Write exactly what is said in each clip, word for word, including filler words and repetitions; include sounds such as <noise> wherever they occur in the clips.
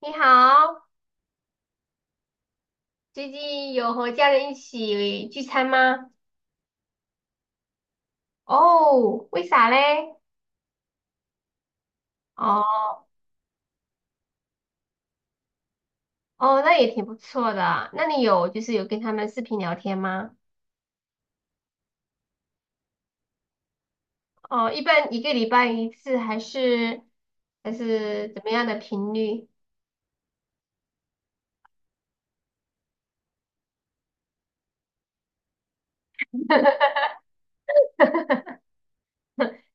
你好，最近有和家人一起聚餐吗？哦，为啥嘞？哦哦，那也挺不错的。那你有就是有跟他们视频聊天吗？哦，一般一个礼拜一次还是还是怎么样的频率？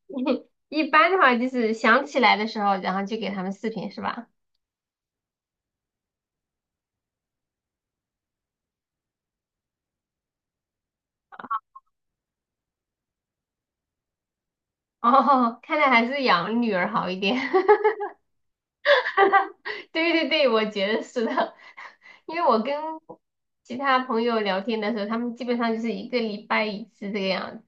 <laughs> 一般的话就是想起来的时候，然后就给他们视频是吧？哦，看来还是养女儿好一点。<laughs> <laughs> 对对对，我觉得是的，<laughs> 因为我跟其他朋友聊天的时候，他们基本上就是一个礼拜一次这个样子。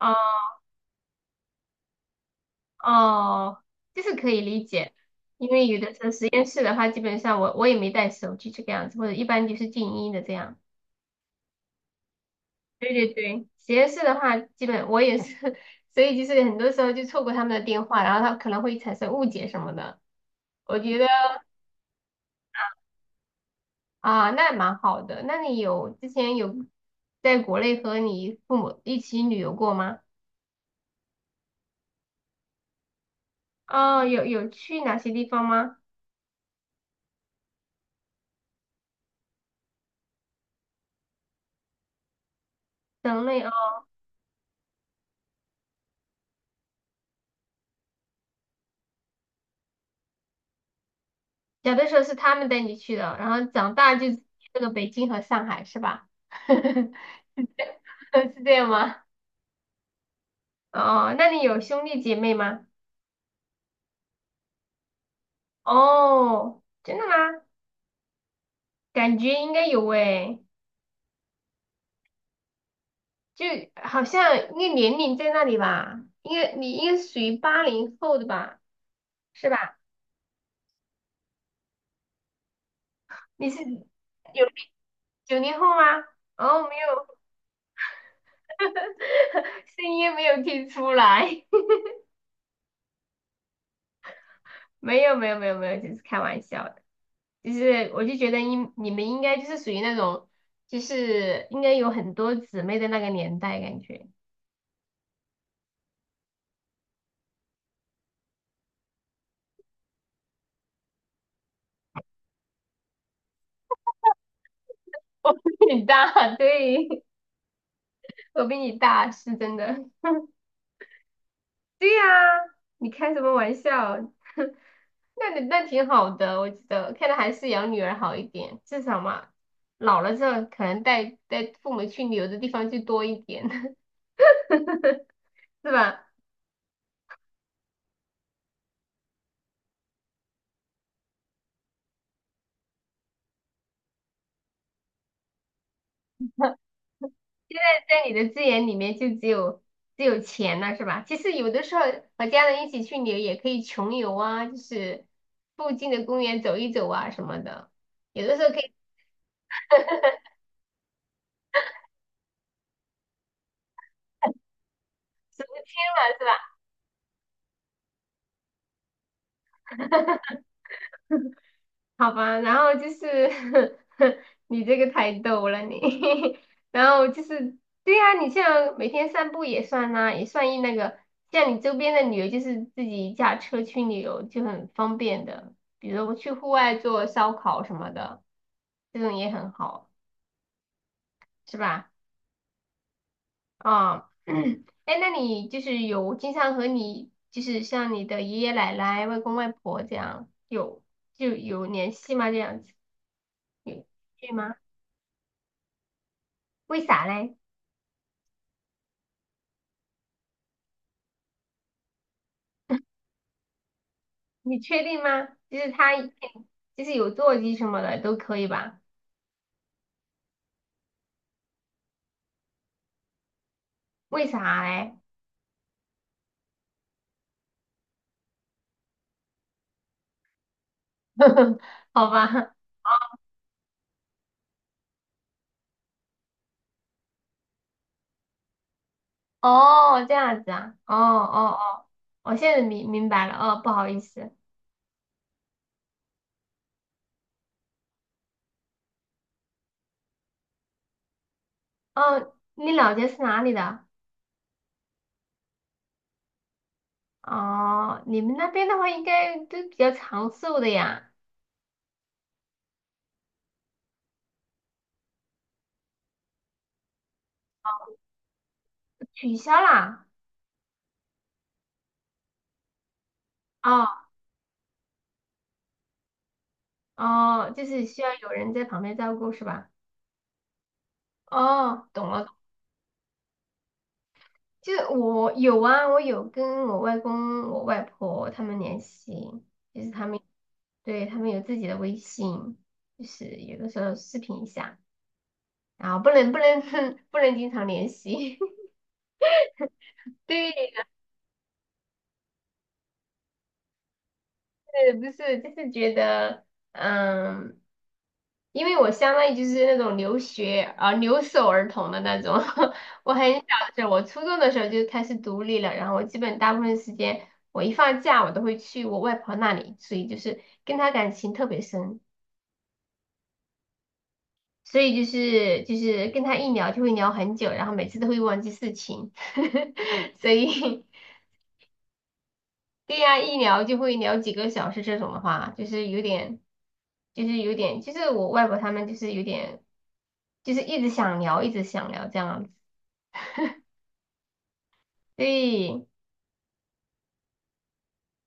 哦哦，就是可以理解，因为有的时候实验室的话，基本上我我也没带手机这个样子，或者一般就是静音的这样。对对对，实验室的话，基本我也是，<laughs> 所以就是很多时候就错过他们的电话，然后他可能会产生误解什么的，我觉得。啊，那蛮好的。那你有之前有在国内和你父母一起旅游过吗？哦，有有去哪些地方吗？省内哦，小的时候是他们带你去的，然后长大就去了北京和上海，是吧？<laughs> 是这样吗？哦，那你有兄弟姐妹吗？哦，真的吗？感觉应该有诶，就好像应该年龄在那里吧，应该你应该属于八零后的吧，是吧？你是有九零后吗？哦，没有，<laughs> 声音没有听出来，<laughs> 没有没有没有没有，只是开玩笑的。就是我就觉得应你们应该就是属于那种，就是应该有很多姊妹的那个年代，感觉。 <laughs> 你大，对，我比你大，是真的。对呀、你开什么玩笑？<laughs> 那你，那挺好的，我觉得看来还是养女儿好一点，至少嘛，老了之后可能带带父母去旅游的地方就多一点，<laughs> 是吧？现在在你的资源里面就只有只有钱了，是吧？其实有的时候和家人一起去旅游也可以穷游啊，就是附近的公园走一走啊什么的，有的时候可以的，是吧？好吧，然后就是 <laughs> 你这个太逗了你，<laughs> 然后就是对呀、你像每天散步也算啦、也算一那个，像你周边的旅游就是自己驾车去旅游就很方便的，比如我去户外做烧烤什么的，这种也很好。是吧？啊、<clears throat> 哎，那你就是有经常和你，就是像你的爷爷奶奶、外公外婆这样，有就有联系吗？这样子，有，对吗？为啥嘞？你确定吗？就是他就是有座机什么的都可以吧？为啥嘞？<laughs> 好吧，哦，这样子啊，哦哦哦，我现在明明白了，哦，不好意思，哦，你老家是哪里的？哦，你们那边的话应该都比较长寿的呀，取消啦？哦哦，就是需要有人在旁边照顾是吧？哦，懂了，就是我有啊，我有跟我外公、我外婆他们联系，就是他们，对，他们有自己的微信，就是有的时候视频一下，然后不能不能 <laughs> 不能经常联系，<laughs> 对，是不是？就是觉得，嗯。因为我相当于就是那种留学啊、呃、留守儿童的那种，<laughs> 我很小的时候，我初中的时候就开始独立了，然后我基本大部分时间，我一放假我都会去我外婆那里，所以就是跟她感情特别深，所以就是就是跟她一聊就会聊很久，然后每次都会忘记事情，<laughs> 所以对呀、一聊就会聊几个小时这种的话，就是有点，就是有点，就是我外婆他们就是有点，就是一直想聊，一直想聊这样子。对，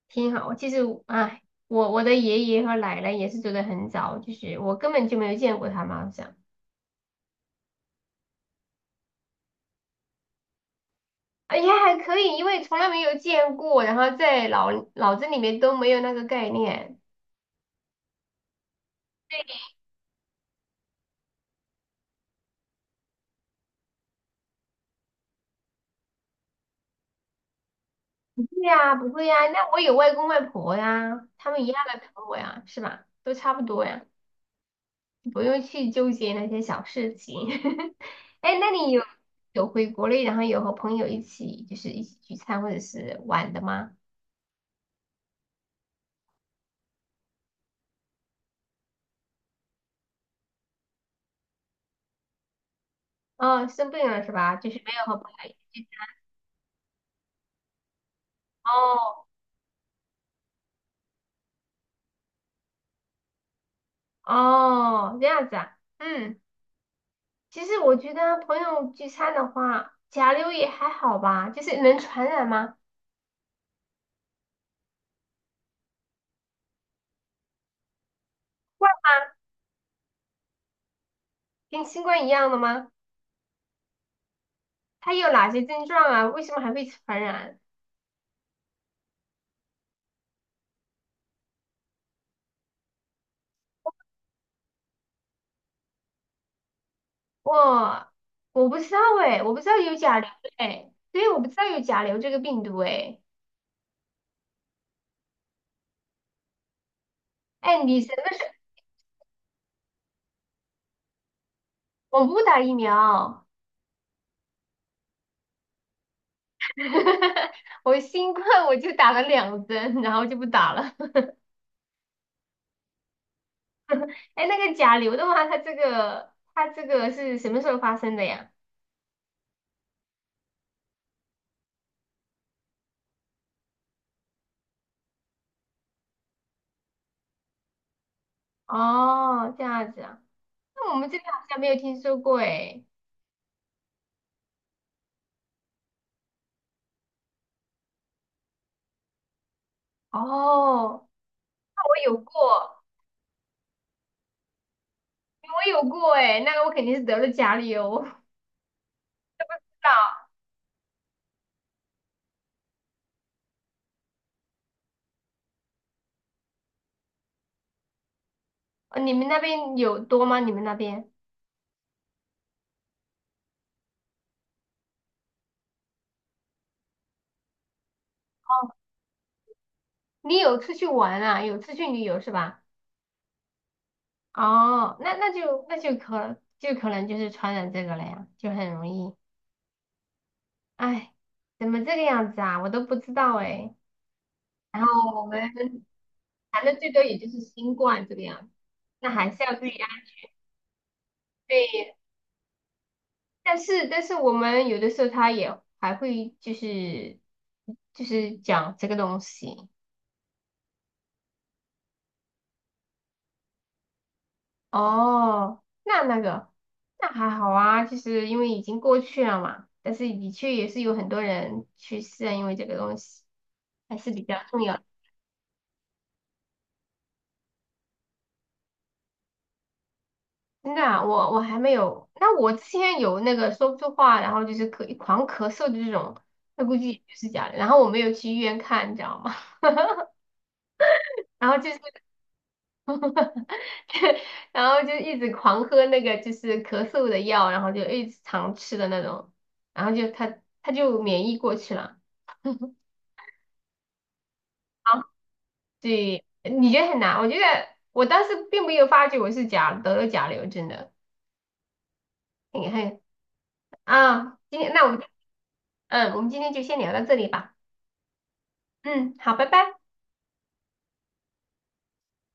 挺好。其实，哎，我我的爷爷和奶奶也是走得很早，就是我根本就没有见过他们，好像，哎呀，还可以，因为从来没有见过，然后在脑脑子里面都没有那个概念。对呀，不会呀，那我有外公外婆呀，他们一样的疼我呀，是吧？都差不多呀，不用去纠结那些小事情。<laughs> 哎，那你有有回国内，然后有和朋友一起就是一起聚餐或者是玩的吗？哦，生病了是吧？就是没有和朋友。哦哦，这样子啊，嗯，其实我觉得朋友聚餐的话，甲流也还好吧，就是能传染吗？跟新冠一样的吗？它有哪些症状啊？为什么还会传染？我我不知道哎，我不知道有甲流哎，所以我不知道有甲流这个病毒哎。哎，你什么时候？我不打疫苗，<laughs> 我新冠我就打了两针，然后就不打了。<laughs> 哎，那个甲流的话，它这个它这个是什么时候发生的呀？哦，这样子啊，那我们这边好像没有听说过诶。哦，那我有过，我有过诶，那个我肯定是得了甲流。<laughs> 我不知道。呃你们那边有多吗？你们那边？哦，你有出去玩啊？有出去旅游是吧？哦，那那就那就可就可能就是传染这个了呀，就很容易。哎，怎么这个样子啊？我都不知道哎。然后我们谈的最多也就是新冠这个样子，那还是要注意安全。对，但是，但是我们有的时候他也还会就是就是讲这个东西。哦，那那个那还好啊，就是因为已经过去了嘛。但是的确也是有很多人去世啊，因为这个东西还是比较重要的，真的啊，我我还没有，那我之前有那个说不出话，然后就是咳狂咳嗽的这种，那估计也是假的。然后我没有去医院看，你知道吗？<laughs> 然后就是 <laughs> 然后就一直狂喝那个就是咳嗽的药，然后就一直常吃的那种，然后就他他就免疫过去了。<laughs> 好，对，你觉得很难？我觉得我当时并没有发觉我是甲得了甲流，真的。你看啊，今天，那我们嗯，我们今天就先聊到这里吧。嗯，好，拜拜。